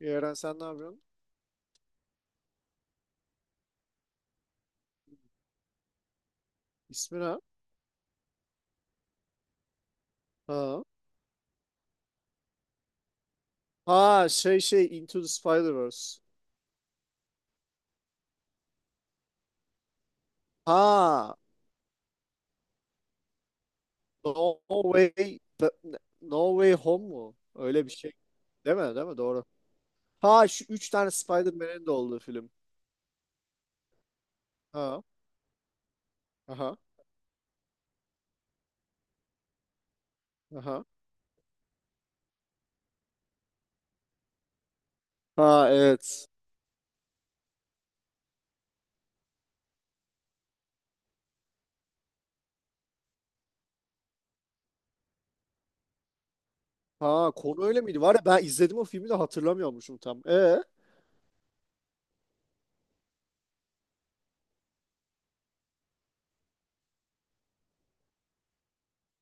Eren sen ne yapıyorsun? İsmi ne? Ha. Ha şey Into the Spider-Verse. Ha. No Way No Way Home mu? Öyle bir şey. Değil mi? Değil mi? Doğru. Ha şu üç tane Spider-Man'in de olduğu film. Ha. Aha. Aha. Ha, evet. Ha konu öyle miydi? Var ya ben izledim o filmi de hatırlamıyormuşum tam. E.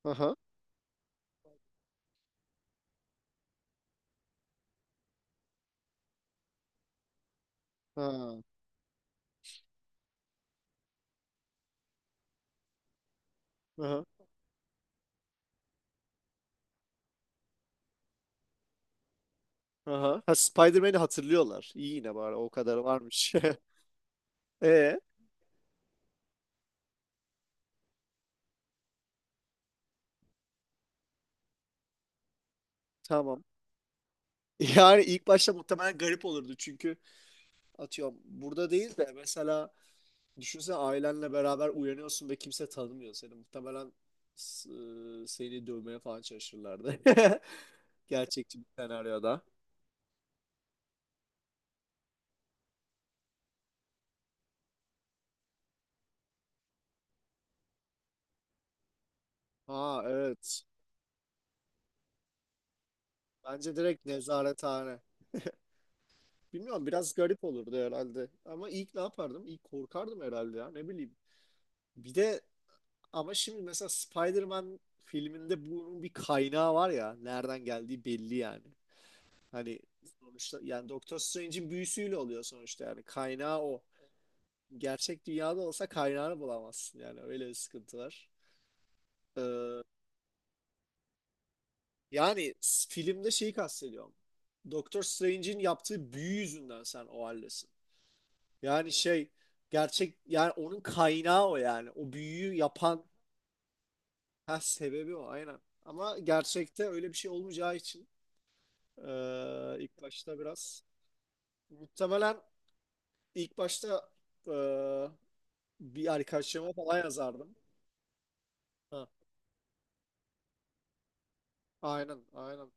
Aha. Ha. Aha. Aha. Ha, Spider-Man'i hatırlıyorlar. İyi yine bari o kadar varmış. E. Tamam. Yani ilk başta muhtemelen garip olurdu çünkü atıyorum burada değil de mesela düşünsene ailenle beraber uyanıyorsun ve kimse tanımıyor seni. Muhtemelen s- seni dövmeye falan çalışırlardı. Gerçekçi bir senaryoda. Ha, evet. Bence direkt nezarethane. Bilmiyorum, biraz garip olurdu herhalde. Ama ilk ne yapardım? İlk korkardım herhalde ya, ne bileyim. Bir de ama şimdi mesela Spider-Man filminde bunun bir kaynağı var ya. Nereden geldiği belli yani. Hani sonuçta yani Doktor Strange'in büyüsüyle oluyor sonuçta, yani kaynağı o. Gerçek dünyada olsa kaynağını bulamazsın, yani öyle bir sıkıntı var. Ee, yani filmde şeyi kastediyorum. Doktor Strange'in yaptığı büyü yüzünden sen o haldesin. Yani şey, gerçek yani onun kaynağı o yani. O büyüyü yapan ha, sebebi o aynen. Ama gerçekte öyle bir şey olmayacağı için ilk başta biraz muhtemelen ilk başta ee, bir arkadaşıma falan yazardım. Ha, aynen.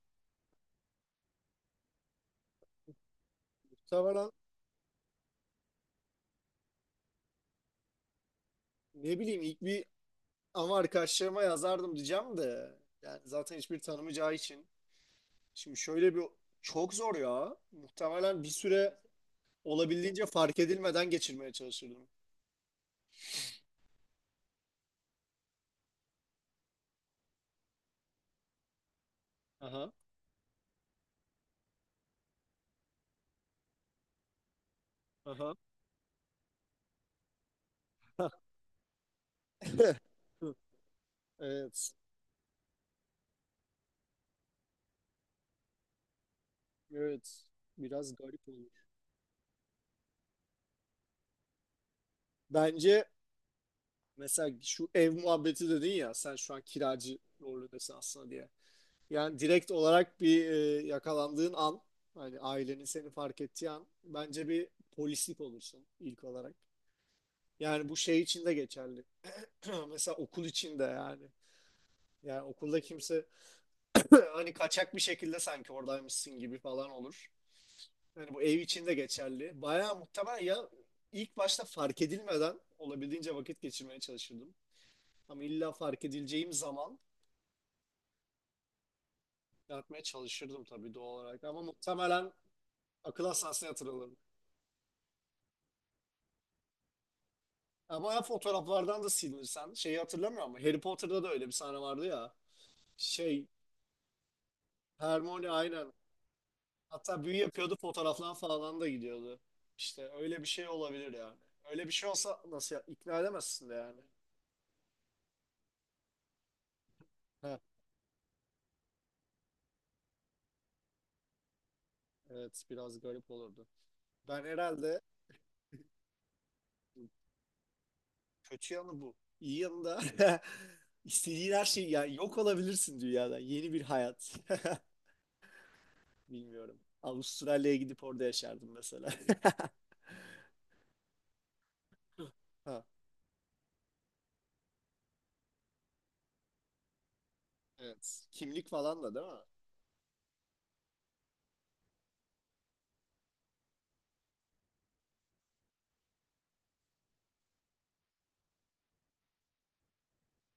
Muhtemelen ne bileyim ilk bir ama arkadaşlarıma yazardım diyeceğim de yani zaten hiçbir tanımayacağı için. Şimdi şöyle bir çok zor ya. Muhtemelen bir süre olabildiğince fark edilmeden geçirmeye çalışırdım. Aha, aha. Evet, evet. Biraz garip olur. Bence mesela şu ev muhabbeti dedin ya sen şu an kiracı rolündesin aslında diye. Yani direkt olarak bir yakalandığın an, hani ailenin seni fark ettiği an bence bir polislik olursun ilk olarak. Yani bu şey için de geçerli. Mesela okul için de yani. Yani okulda kimse hani kaçak bir şekilde sanki oradaymışsın gibi falan olur. Yani bu ev için de geçerli. Bayağı muhtemel ya ilk başta fark edilmeden olabildiğince vakit geçirmeye çalışırdım. Ama illa fark edileceğim zaman yapmaya çalışırdım tabii doğal olarak. Ama muhtemelen akıl hastanesine yatırılırdım. Ya bayağı fotoğraflardan da silinirsen şeyi hatırlamıyor, ama Harry Potter'da da öyle bir sahne vardı ya. Şey Hermione aynen. Hatta büyü yapıyordu, fotoğraflar falan da gidiyordu. İşte öyle bir şey olabilir yani. Öyle bir şey olsa nasıl ya? İkna edemezsin de yani. Heh, evet biraz garip olurdu. Ben herhalde kötü yanı bu. İyi yanı da istediğin her şey yani, yok olabilirsin dünyada. Yeni bir hayat. Bilmiyorum. Avustralya'ya gidip orada yaşardım mesela. Ha. Evet. Kimlik falan da değil mi?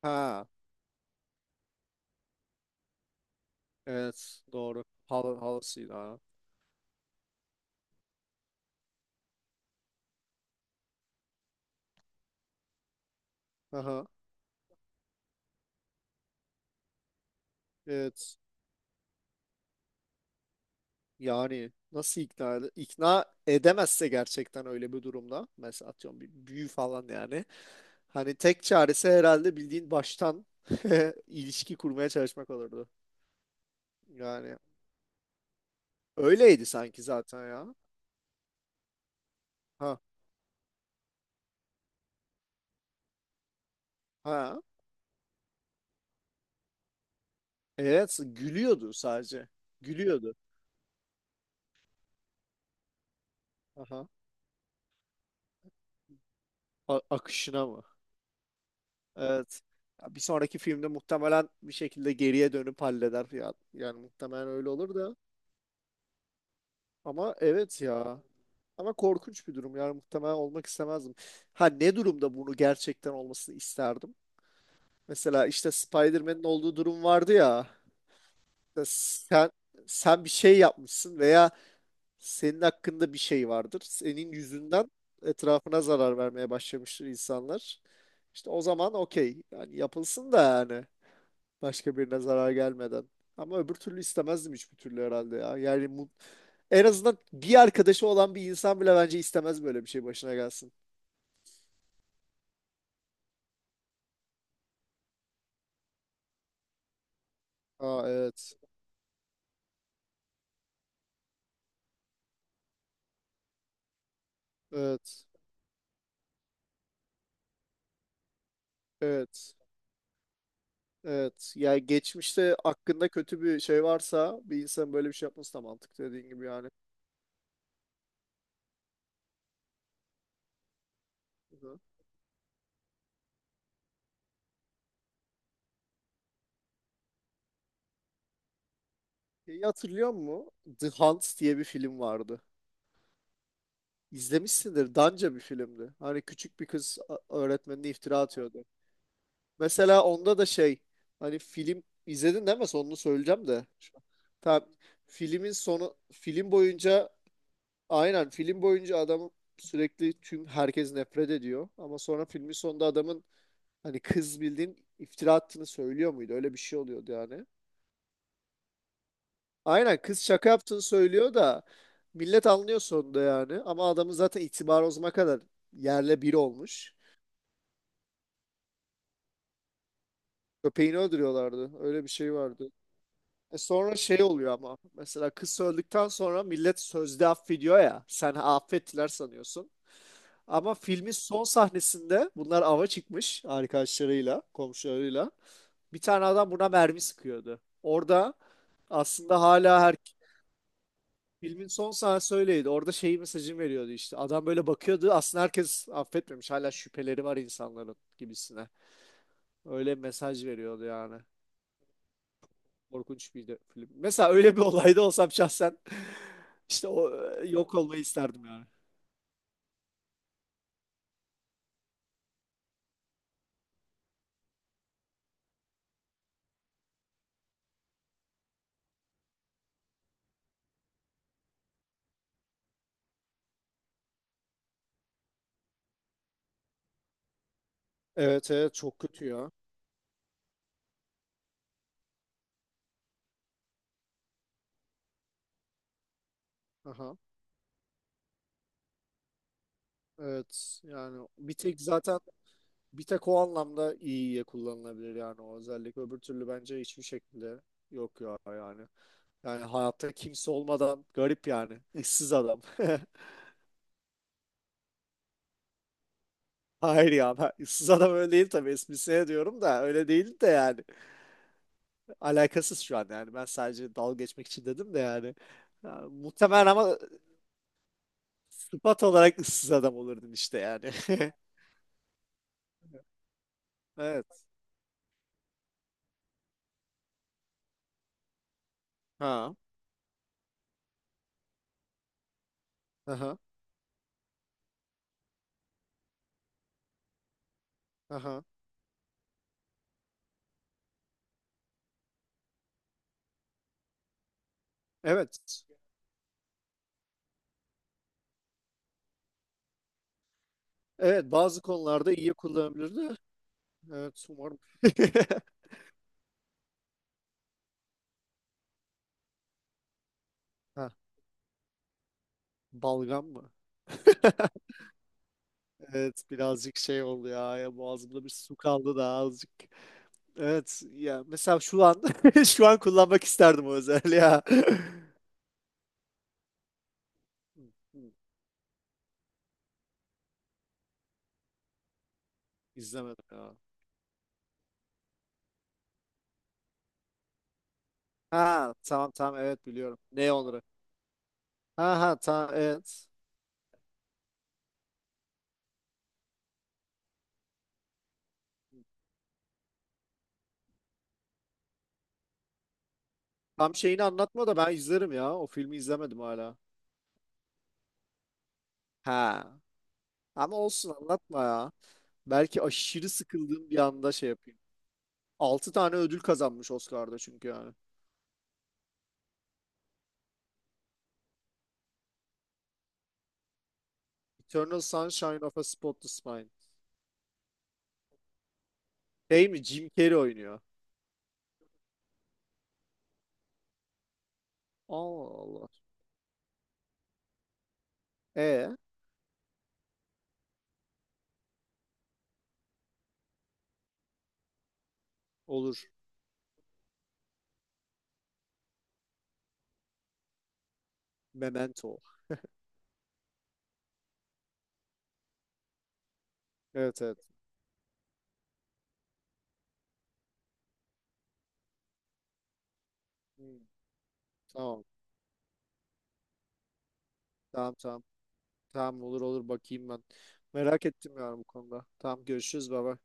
Ha, evet doğru. Halısıydı ha. Aha, evet. Yani nasıl ikna edemezse gerçekten öyle bir durumda mesela atıyorum bir büyü falan yani. Hani tek çaresi herhalde bildiğin baştan ilişki kurmaya çalışmak olurdu. Yani öyleydi sanki zaten ya. Ha ha. Evet, gülüyordu sadece. Gülüyordu. Aha. A- akışına mı? Evet. Ya bir sonraki filmde muhtemelen bir şekilde geriye dönüp halleder. Ya, yani muhtemelen öyle olur da. Ama evet ya. Ama korkunç bir durum. Yani muhtemelen olmak istemezdim. Ha, ne durumda bunu gerçekten olmasını isterdim? Mesela işte Spider-Man'in olduğu durum vardı ya. İşte sen, sen bir şey yapmışsın veya senin hakkında bir şey vardır. Senin yüzünden etrafına zarar vermeye başlamıştır insanlar. İşte o zaman okey. Yani yapılsın da yani. Başka birine zarar gelmeden. Ama öbür türlü istemezdim hiçbir türlü herhalde ya. Yani en azından bir arkadaşı olan bir insan bile bence istemez böyle bir şey başına gelsin. Aa, evet. Evet. Evet. Evet. Yani geçmişte hakkında kötü bir şey varsa bir insan böyle bir şey yapması da mantıklı dediğin gibi yani. Hı. Şeyi hatırlıyor musun? The Hunt diye bir film vardı. İzlemişsindir. Danca bir filmdi. Hani küçük bir öğretmenine iftira atıyordu. Mesela onda da şey, hani film izledin değil mi? Sonunu söyleyeceğim de. Şu- Tamam. Filmin sonu film boyunca aynen film boyunca adam sürekli tüm herkes nefret ediyor. Ama sonra filmin sonunda adamın hani kız bildiğin iftira attığını söylüyor muydu? Öyle bir şey oluyordu yani. Aynen kız şaka yaptığını söylüyor da millet anlıyor sonunda yani. Ama adamın zaten itibarı o zamana kadar yerle bir olmuş. Köpeğini öldürüyorlardı. Öyle bir şey vardı. E sonra şey oluyor ama mesela kız öldükten sonra millet sözde affediyor ya, sen affettiler sanıyorsun. Ama filmin son sahnesinde bunlar ava çıkmış arkadaşlarıyla, komşularıyla. Bir tane adam buna mermi sıkıyordu. Orada aslında hala her filmin son sahnesi öyleydi. Orada şeyi, mesajını veriyordu işte. Adam böyle bakıyordu. Aslında herkes affetmemiş. Hala şüpheleri var insanların gibisine. Öyle mesaj veriyordu yani. Korkunç bir de film. Mesela öyle bir olayda olsam şahsen işte o yok olmayı isterdim yani. Evet, evet çok kötü ya. Aha. Evet yani bir tek zaten bir tek o anlamda iyiye kullanılabilir yani o özellik. Öbür türlü bence hiçbir şekilde yok ya yani. Yani hayatta kimse olmadan garip yani. Issız adam. Hayır ya, ben ıssız adam öyle değil tabii, esprisine diyorum da öyle değil de yani. Alakasız şu an yani. Ben sadece dalga geçmek için dedim de yani. Ya, muhtemelen ama sıfat olarak ıssız adam olurdun işte yani. Evet. Ha. Aha. Aha. Evet. Evet, bazı konularda iyi kullanabilirdi. Evet umarım. Ha, balgam mı? Evet birazcık şey oldu ya, ya boğazımda bir su kaldı da azıcık. Evet ya, mesela şu an şu an kullanmak isterdim o özelliği ya. Hı, hı, İzlemedim ya. Ha, tamam tamam evet biliyorum. Ne onları? Ha ha tamam evet. Tam şeyini anlatma da ben izlerim ya. O filmi izlemedim hala. Ha. Ama olsun anlatma ya. Belki aşırı sıkıldığım bir anda şey yapayım. Altı tane ödül kazanmış Oscar'da çünkü yani. Eternal Sunshine of a Spotless Mind. Değil mi? Jim Carrey oynuyor. Allah Allah. E olur. Memento. Evet, evet. Hmm, tamam. Tamam tamam. Tamam olur olur bakayım ben. Merak ettim yani bu konuda. Tamam görüşürüz baba.